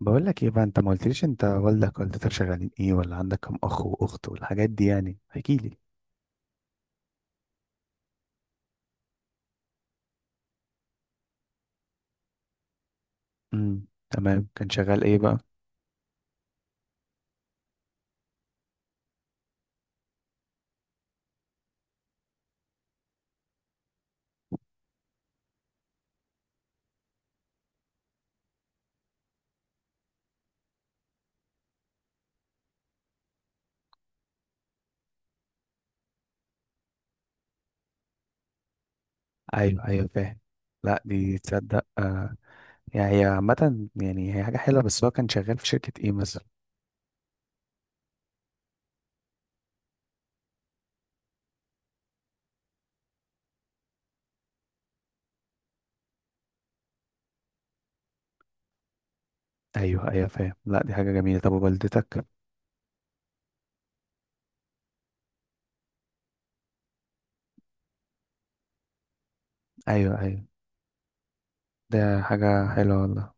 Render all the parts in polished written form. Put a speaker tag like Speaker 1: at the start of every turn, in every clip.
Speaker 1: بقول لك ايه بقى، انت ما قلتليش انت والدك والدتك شغالين ايه، ولا عندك كم اخ واخت والحاجات دي، يعني احكي لي. تمام، كان شغال ايه بقى؟ ايوه، ايوه، فاهم. لا دي تصدق، آه. يعني هي عامة، يعني هي حاجة حلوة، بس هو كان شغال في شركة ايه مثلا؟ ايوه، ايوه، فاهم. لا دي حاجة جميلة. طب ووالدتك؟ ايوه، ايوه، ده حاجة حلوة والله.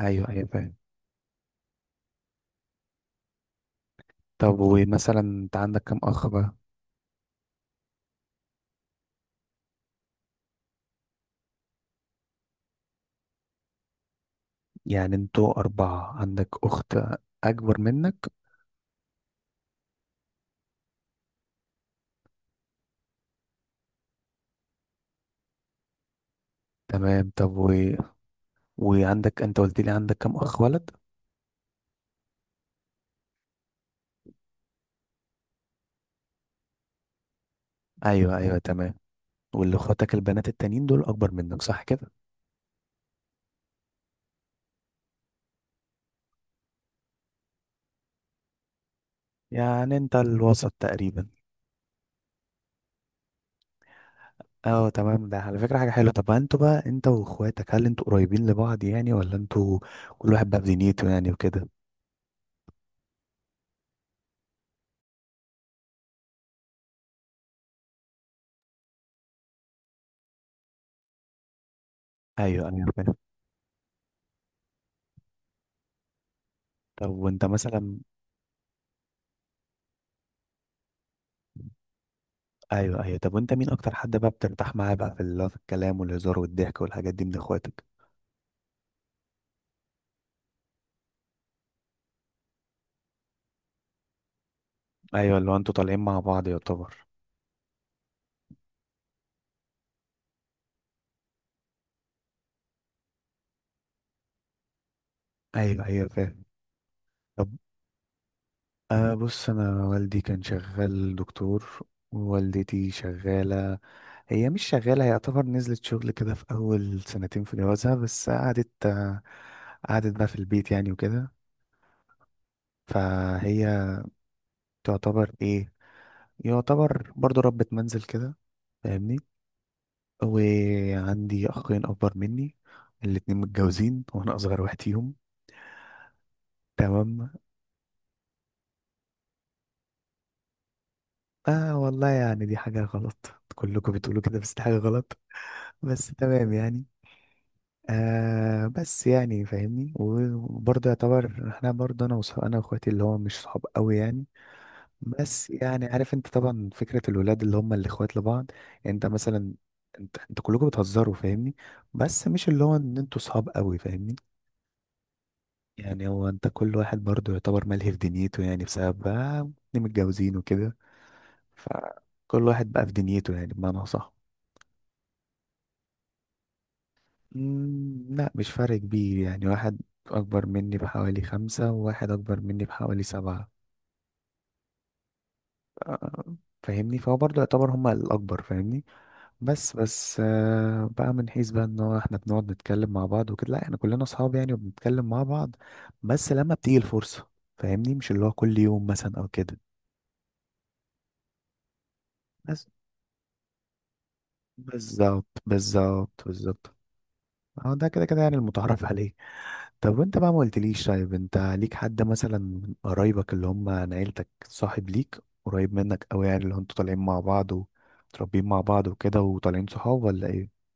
Speaker 1: ايوه، ايوه، فاهم. طب ومثلا انت عندك كم اخ بقى؟ يعني انتوا اربعة، عندك اخت اكبر منك. تمام. طب. وعندك، انت قلت لي عندك كام اخ ولد؟ ايوه، ايوه، تمام. واللي اخواتك البنات التانيين دول اكبر منك صح كده؟ يعني انت الوسط تقريبا. اه تمام، ده على فكرة حاجة حلوة. طب انتوا بقى، انت واخواتك، هل انتوا قريبين لبعض يعني، ولا انتوا كل واحد بقى بدنيته يعني وكده؟ ايوه، ايوه، فاهم. طب وانت مثلا. ايوه، ايوه. طب وانت مين اكتر حد بقى بترتاح معاه بقى في الكلام والهزار والضحك والحاجات دي من اخواتك؟ ايوه، اللي هو انتوا طالعين مع بعض يعتبر. ايوه، ايوه، فاهم. طب. أه، بص، أنا والدي كان شغال دكتور، ووالدتي شغالة. هي مش شغالة، هي يعتبر نزلت شغل كده في أول سنتين في جوازها، بس قعدت بقى في البيت يعني وكده. فهي تعتبر إيه، يعتبر برضو ربة منزل كده، فاهمني. وعندي أخين أكبر مني، الاتنين متجوزين، وأنا أصغر واحد فيهم. تمام. آه والله، يعني دي حاجة غلط، كلكم بتقولوا كده، بس دي حاجة غلط، بس تمام يعني. آه بس يعني فاهمني، وبرضه يعتبر احنا برضه انا واخواتي اللي هو مش صحاب قوي يعني. بس يعني عارف انت طبعا فكرة الولاد اللي هم الاخوات لبعض. يعني انت مثلا. انت كلكم بتهزروا، فاهمني. بس مش اللي هو ان انتوا صحاب قوي، فاهمني. يعني هو انت كل واحد برضه يعتبر ملهي في دنيته يعني، بسبب بقى إن متجوزين وكده. فكل واحد بقى في دنيته يعني، بمعنى صح. لا مش فرق كبير، يعني واحد أكبر مني بحوالي خمسة، وواحد أكبر مني بحوالي سبعة. آه، فاهمني، فهو برضه يعتبر هما الأكبر، فاهمني. بس، بس، بقى من حيث بقى إن هو، إحنا بنقعد نتكلم مع بعض وكده، لا إحنا كلنا أصحاب يعني وبنتكلم مع بعض. بس لما بتيجي الفرصة، فاهمني، مش اللي هو كل يوم مثلا أو كده. بس، بالظبط، بالظبط، بالظبط. اه، ده كده كده يعني المتعارف عليه. طب وانت بقى ما قلتليش، طيب انت ليك حد مثلا من قرايبك اللي هم عن عيلتك صاحب ليك قريب منك قوي، يعني اللي انتوا طالعين مع بعض ومتربيين مع بعض وكده وطالعين صحاب، ولا ايه؟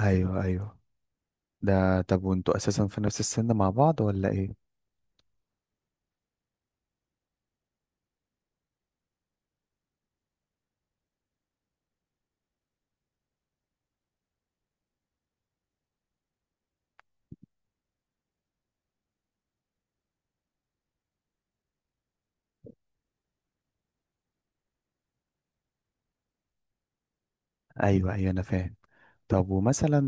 Speaker 1: ايوه، ايوه، ده. طب وانتوا اساسا في نفس السن مع بعض ولا ايه؟ ايوه، ايوه، انا فاهم. طب ومثلا.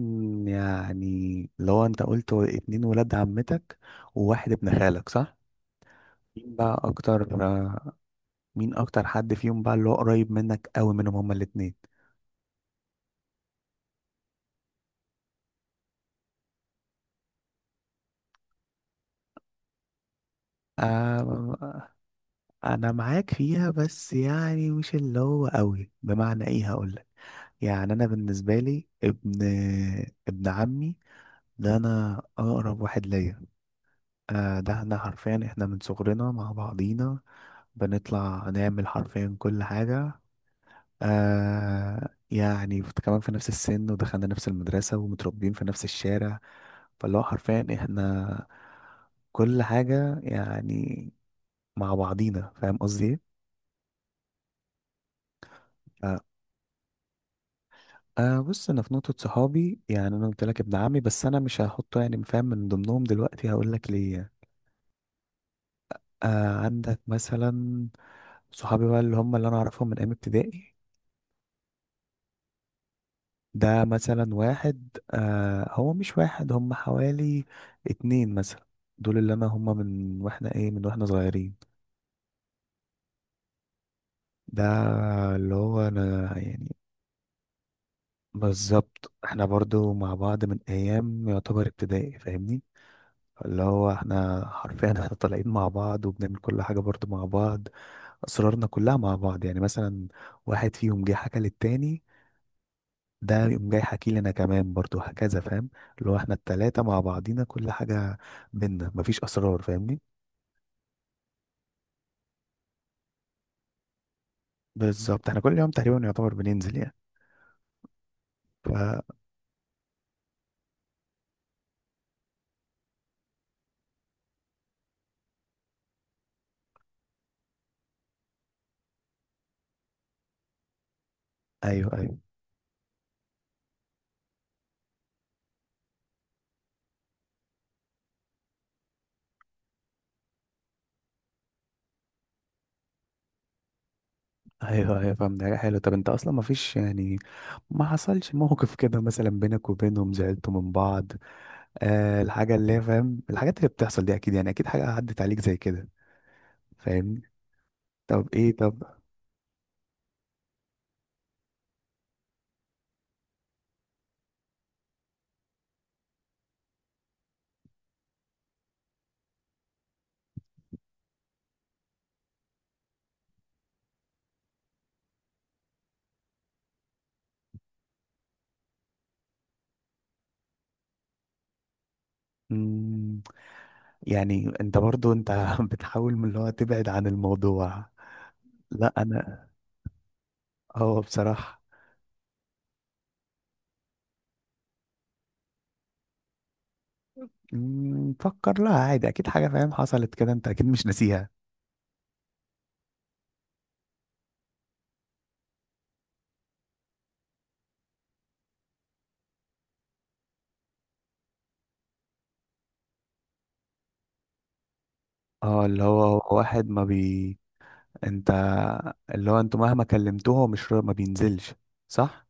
Speaker 1: يعني لو انت قلت اتنين ولاد عمتك وواحد ابن خالك، صح؟ مين بقى اكتر مين اكتر حد فيهم بقى اللي هو قريب منك قوي، منهم هما الاتنين؟ آه، انا معاك فيها، بس يعني مش اللي هو قوي، بمعنى ايه هقولك. يعني انا بالنسبه لي ابن عمي، ده انا اقرب واحد ليا. آه ده، احنا حرفيا احنا من صغرنا مع بعضينا. بنطلع نعمل حرفيا كل حاجه. آه يعني كمان في نفس السن، ودخلنا نفس المدرسة، ومتربيين في نفس الشارع. فاللي هو حرفيا احنا كل حاجة يعني مع بعضينا، فاهم قصدي ايه؟ آه. بص انا في نقطة صحابي، يعني انا قلت لك ابن عمي بس انا مش هحطه يعني، فاهم، من ضمنهم دلوقتي، هقول لك ليه. آه، عندك مثلا صحابي بقى اللي هم اللي انا اعرفهم من ايام ابتدائي. ده مثلا واحد، هو مش واحد، هم حوالي اتنين مثلا. دول اللي انا، هم من واحنا صغيرين. ده اللي هو انا يعني. بالظبط، احنا برضو مع بعض من ايام يعتبر ابتدائي، فاهمني. اللي هو احنا حرفيا احنا طالعين مع بعض، وبنعمل كل حاجة برضو مع بعض. اسرارنا كلها مع بعض، يعني مثلا واحد فيهم جه حكى للتاني، ده يقوم جاي حكي لي انا كمان برضو هكذا، فاهم. اللي هو احنا التلاتة مع بعضينا كل حاجة، بينا مفيش اسرار، فاهمني. بالظبط، احنا كل يوم تقريبا يعتبر بننزل يعني فا ايوه، ايوه، ايوه، ايوه، فاهم. ده حلو. طب انت اصلا مفيش يعني، ما حصلش موقف كده مثلا بينك وبينهم زعلتوا من بعض؟ آه الحاجة اللي هي، فاهم، الحاجات اللي بتحصل دي اكيد يعني اكيد حاجة عدت عليك زي كده، فاهمني. طب ايه، طب. مم، يعني انت برضو انت بتحاول من اللي هو تبعد عن الموضوع. لا انا، هو بصراحة. فكر لها عادي، اكيد حاجة فاهم حصلت كده، انت اكيد مش ناسيها. اه، اللي هو هو واحد ما بي انت اللي هو انتوا مهما كلمتوه، هو مش ما بينزلش، صح؟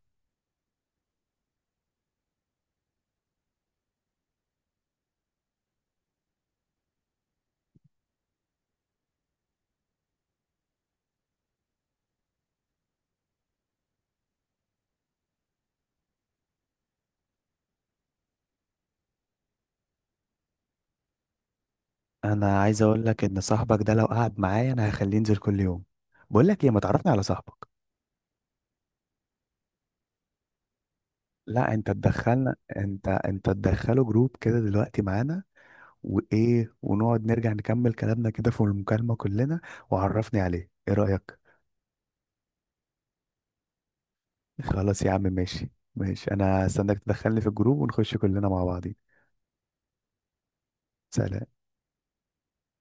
Speaker 1: انا عايز اقول لك ان صاحبك ده لو قعد معايا انا هخليه ينزل كل يوم. بقول لك ايه، ما تعرفني على صاحبك. لا انت تدخلنا، انت تدخله جروب كده دلوقتي معانا. وايه، ونقعد نرجع نكمل كلامنا كده في المكالمة كلنا. وعرفني عليه، ايه رأيك؟ خلاص يا عم، ماشي. ماشي، انا هستناك تدخلني في الجروب ونخش كلنا مع بعضين. سلام.